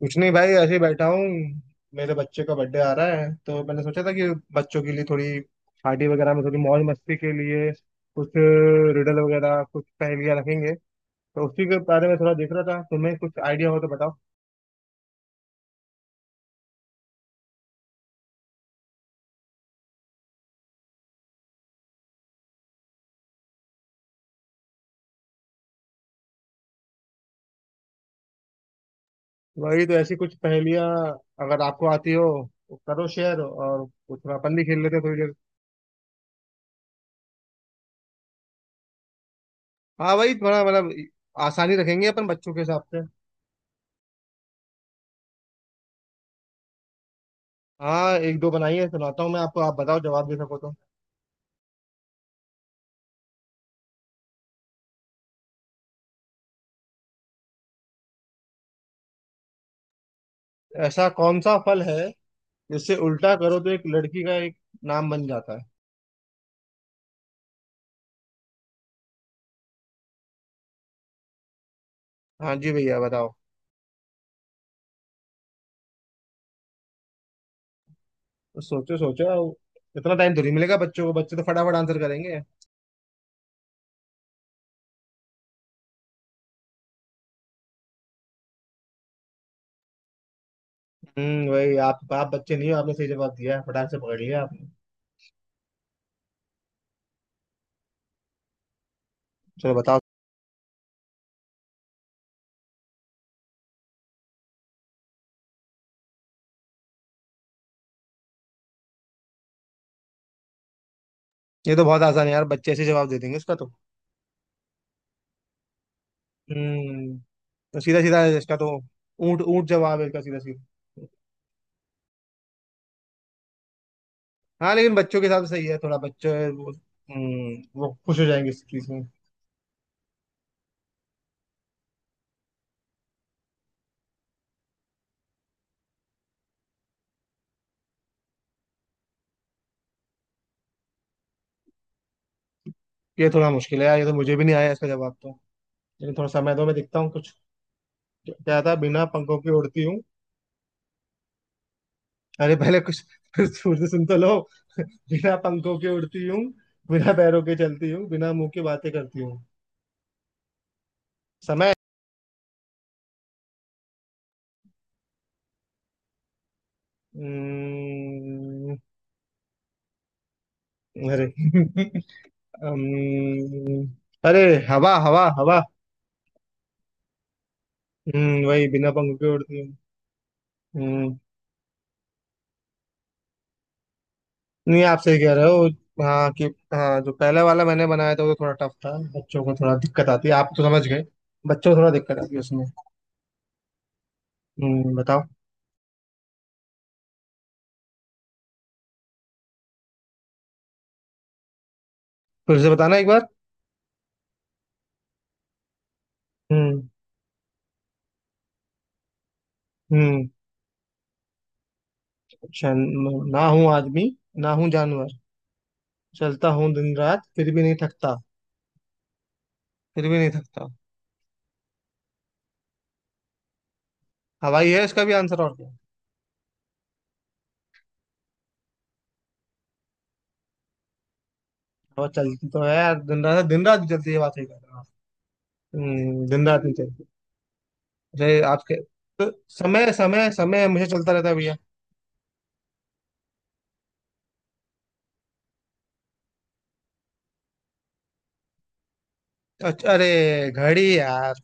कुछ नहीं भाई, ऐसे ही बैठा हूँ। मेरे बच्चे का बर्थडे आ रहा है, तो मैंने सोचा था कि बच्चों के लिए थोड़ी पार्टी वगैरह में, थोड़ी मौज मस्ती के लिए कुछ रिडल वगैरह, कुछ पहेलियाँ रखेंगे। तो उसी के बारे में थोड़ा देख रहा था, तुम्हें कुछ आइडिया हो तो बताओ। वही तो, ऐसी कुछ पहेलियाँ अगर आपको आती हो तो करो शेयर, और कुछ थोड़ा अपन भी खेल लेते हैं थोड़ी देर। हाँ वही, थोड़ा मतलब आसानी रखेंगे अपन बच्चों के हिसाब से। हाँ, एक दो बनाइए, सुनाता हूँ मैं आपको, आप बताओ जवाब दे सको तो। ऐसा कौन सा फल है, इससे उल्टा करो तो एक लड़की का एक नाम बन जाता है। हाँ जी भैया, बताओ। तो सोचो सोचो, इतना टाइम थोड़ी मिलेगा बच्चों को, बच्चे तो फटाफट आंसर करेंगे। हम्म, वही। आप बच्चे नहीं हो, आपने सही जवाब दिया है, फटाक से पकड़ लिया आपने। चलो बताओ। ये तो बहुत आसान है यार, बच्चे ऐसे जवाब दे देंगे इसका तो। हम्म। तो सीधा सीधा है इसका तो। ऊंट ऊंट जवाब है इसका, सीधा सीधा। हाँ, लेकिन बच्चों के साथ सही है, थोड़ा बच्चे वो। हम्म, वो खुश हो जाएंगे इस चीज में। ये थोड़ा मुश्किल है यार, ये तो मुझे भी नहीं आया इसका जवाब तो, लेकिन थोड़ा समय दो, मैं देखता हूँ कुछ। क्या था, बिना पंखों की उड़ती हूँ? अरे पहले कुछ, फिर सुर से सुन तो लो। बिना पंखों के उड़ती हूँ, बिना पैरों के चलती हूँ, बिना मुंह की बातें करती हूँ। समय। हम्म, अरे हम्म, अरे, हवा हवा हवा। हम्म, वही बिना पंखों के उड़ती हूँ। हम्म, नहीं, आप सही कह रहे हो। हाँ कि, हाँ जो पहले वाला मैंने बनाया था वो थोड़ा टफ था, बच्चों को थोड़ा दिक्कत आती है, आप तो समझ गए। बच्चों को थोड़ा दिक्कत आती है उसमें। हम्म, बताओ। फिर से बताना एक बार। हम्म। हम्म। चल, ना हूँ आदमी, ना हूँ जानवर। चलता हूँ दिन रात, फिर भी नहीं थकता। फिर भी नहीं थकता। हवाई है इसका भी आंसर, और क्या है? और चलती तो है यार, दिन रात, दिन रात भी चलती है, बात ही कर रहा हूँ। दिन रात नहीं चलती। अरे आपके तो, समय समय समय मुझे चलता रहता है भैया। अच्छा अरे, घड़ी यार।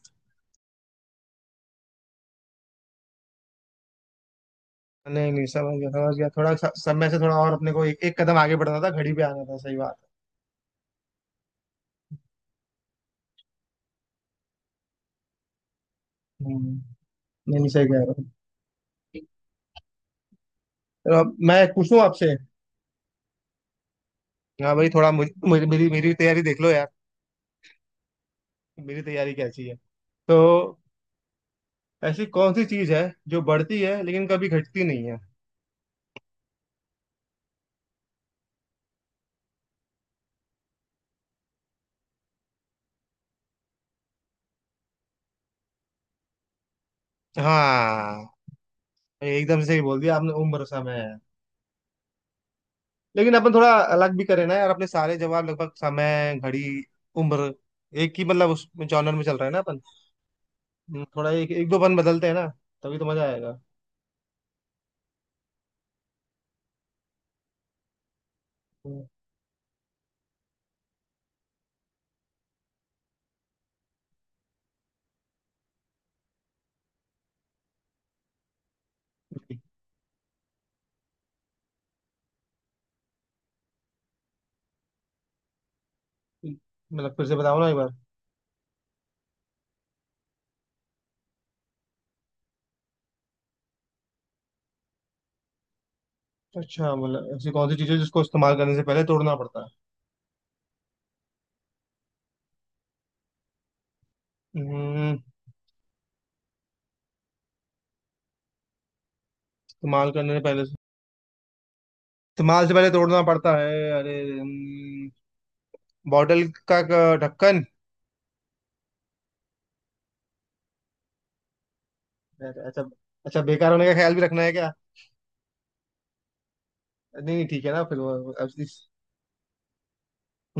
नहीं नहीं समझ गया, समझ गया, थोड़ा सा समय से थोड़ा और अपने को एक कदम आगे बढ़ना था, घड़ी पे आना था, सही बात है। हम्म, नहीं नहीं, सही कह रहा हूँ। मैं पूछूं आपसे? हाँ भाई, थोड़ा मुझ, मुझ, मेरी मेरी तैयारी देख लो यार, मेरी तैयारी कैसी है। तो ऐसी कौन सी चीज है जो बढ़ती है लेकिन कभी घटती नहीं है? हाँ, एकदम से सही बोल दिया आपने, उम्र समय है। लेकिन अपन थोड़ा अलग भी करें ना यार, अपने सारे जवाब लगभग समय, घड़ी, उम्र, एक ही मतलब उस जॉनर में चल रहा है ना अपन। थोड़ा एक एक दो अपन बदलते हैं ना, तभी तो मजा आएगा। हम्म, मतलब फिर से बताओ ना एक बार। अच्छा, मतलब ऐसी कौन सी चीज है जिसको इस्तेमाल करने से पहले तोड़ना पड़ता है। हम्म, इस्तेमाल करने से पहले, इस्तेमाल से पहले तोड़ना पड़ता है। अरे बॉटल का ढक्कन। अरे अच्छा, अच्छा, बेकार होने का ख्याल भी रखना है क्या? नहीं नहीं ठीक है ना, फिर वो, अब इस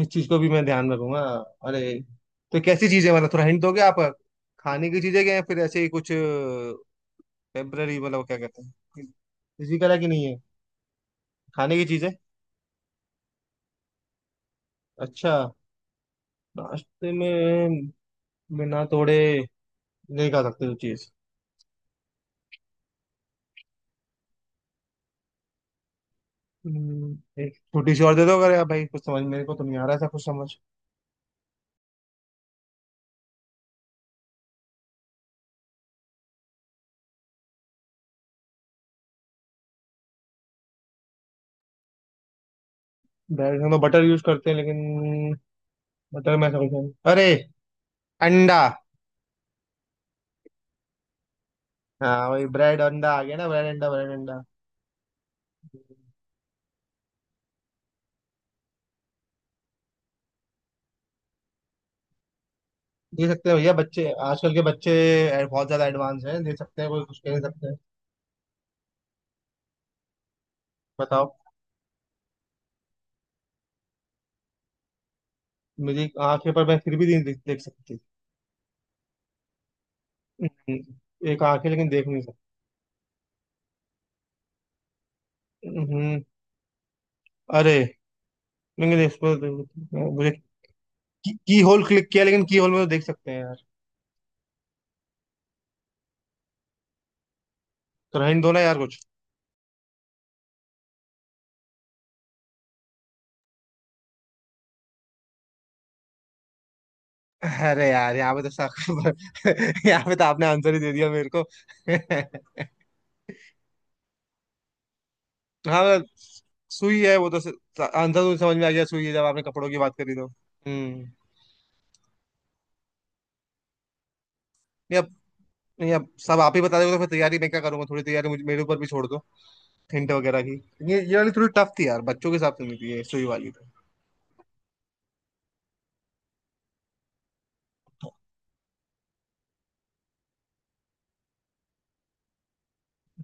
इस चीज को भी मैं ध्यान में रखूंगा। अरे, तो कैसी चीजें, मतलब थोड़ा हिंट दोगे आप, खाने की चीजें क्या है फिर, ऐसे ही कुछ? टेम्पररी मतलब क्या कहते हैं, फिजिकल है कि नहीं है? खाने की चीजें? अच्छा, नाश्ते में? बिना तोड़े नहीं खा सकते वो चीज? एक छोटी सी और दे दो अगर यार भाई, कुछ समझ मेरे को तो नहीं आ रहा, ऐसा कुछ समझ। डायरेक्ट हम तो बटर यूज करते हैं, लेकिन बताओ, मैं समझा नहीं। अरे, अंडा। हाँ वही, ब्रेड अंडा आ गया ना, ब्रेड अंडा ब्रेड अंडा। दे सकते हैं भैया, बच्चे आजकल के बच्चे, ए- बहुत ज्यादा एडवांस हैं, दे सकते हैं, कोई कुछ कह नहीं सकते हैं। बताओ। मेरी आंखें, पर मैं फिर भी नहीं देख सकती। एक आंखें लेकिन देख नहीं सकती। अरे, लेकिन इस पर तो मुझे, की होल क्लिक किया, लेकिन की होल में तो देख सकते हैं यार। तो रहने दो ना यार कुछ। अरे यार, यहाँ पे तो साफ यहाँ पे तो आपने आंसर ही दे दिया मेरे को। हाँ, सुई है वो तो, स- आंसर तो समझ में आ गया, सुई है, जब आपने कपड़ों की बात करी तो। हम्म। नहीं अब, नहीं अब सब आप ही बता दोगे तो फिर तैयारी मैं क्या करूंगा? थोड़ी तैयारी मुझे, मेरे ऊपर भी छोड़ दो हिंट वगैरह की। ये वाली थोड़ी टफ थी यार, बच्चों के हिसाब से नहीं थी ये सुई वाली तो।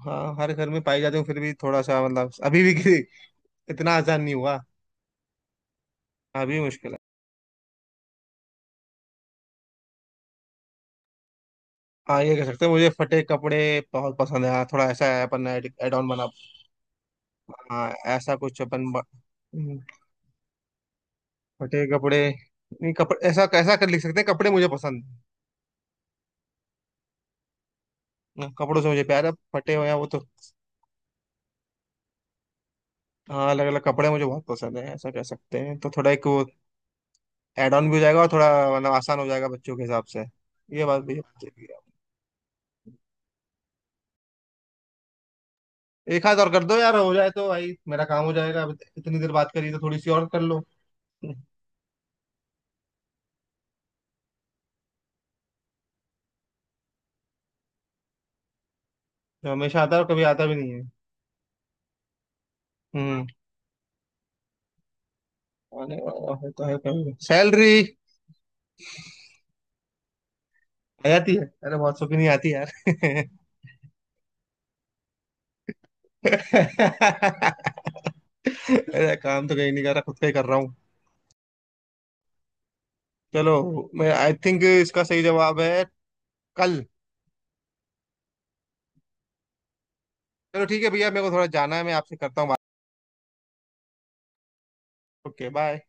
हाँ, हर घर में पाई जाती हूँ, फिर भी थोड़ा सा मतलब अभी भी किसी- इतना आसान नहीं हुआ। अभी भी मुश्किल है। हाँ ये कह सकते हैं, मुझे फटे कपड़े बहुत पसंद है। हाँ, थोड़ा ऐसा है, अपन एड ऑन बना। हाँ, ऐसा कुछ अपन ब-। हम्म, फटे कपड़े, नहीं कपड़े, ऐसा कैसा कर लिख सकते हैं, कपड़े मुझे पसंद। ना, कपड़ों से मुझे प्यार है, फटे हुए हैं वो तो। हाँ, अलग अलग कपड़े मुझे बहुत पसंद है, ऐसा कह सकते हैं, तो थोड़ा एक वो एड ऑन भी हो जाएगा, और थोड़ा मतलब आसान हो जाएगा बच्चों के हिसाब से, ये बात भी है। एक हाथ और कर दो यार, हो जाए तो भाई मेरा काम हो जाएगा, अब इतनी देर बात करी तो थोड़ी सी और कर लो। जो हमेशा आता है, और कभी आता भी नहीं है? हम्म, आने वाला है तो है कभी, सैलरी? आ जाती है, अरे बहुत सौ की नहीं आती यार। अरे, काम तो कहीं नहीं कर रहा, खुद का ही कर रहा हूँ। चलो, मैं आई थिंक इसका सही जवाब है, कल। चलो ठीक है भैया, मेरे को थोड़ा जाना है, मैं आपसे करता हूँ बात। Okay bye.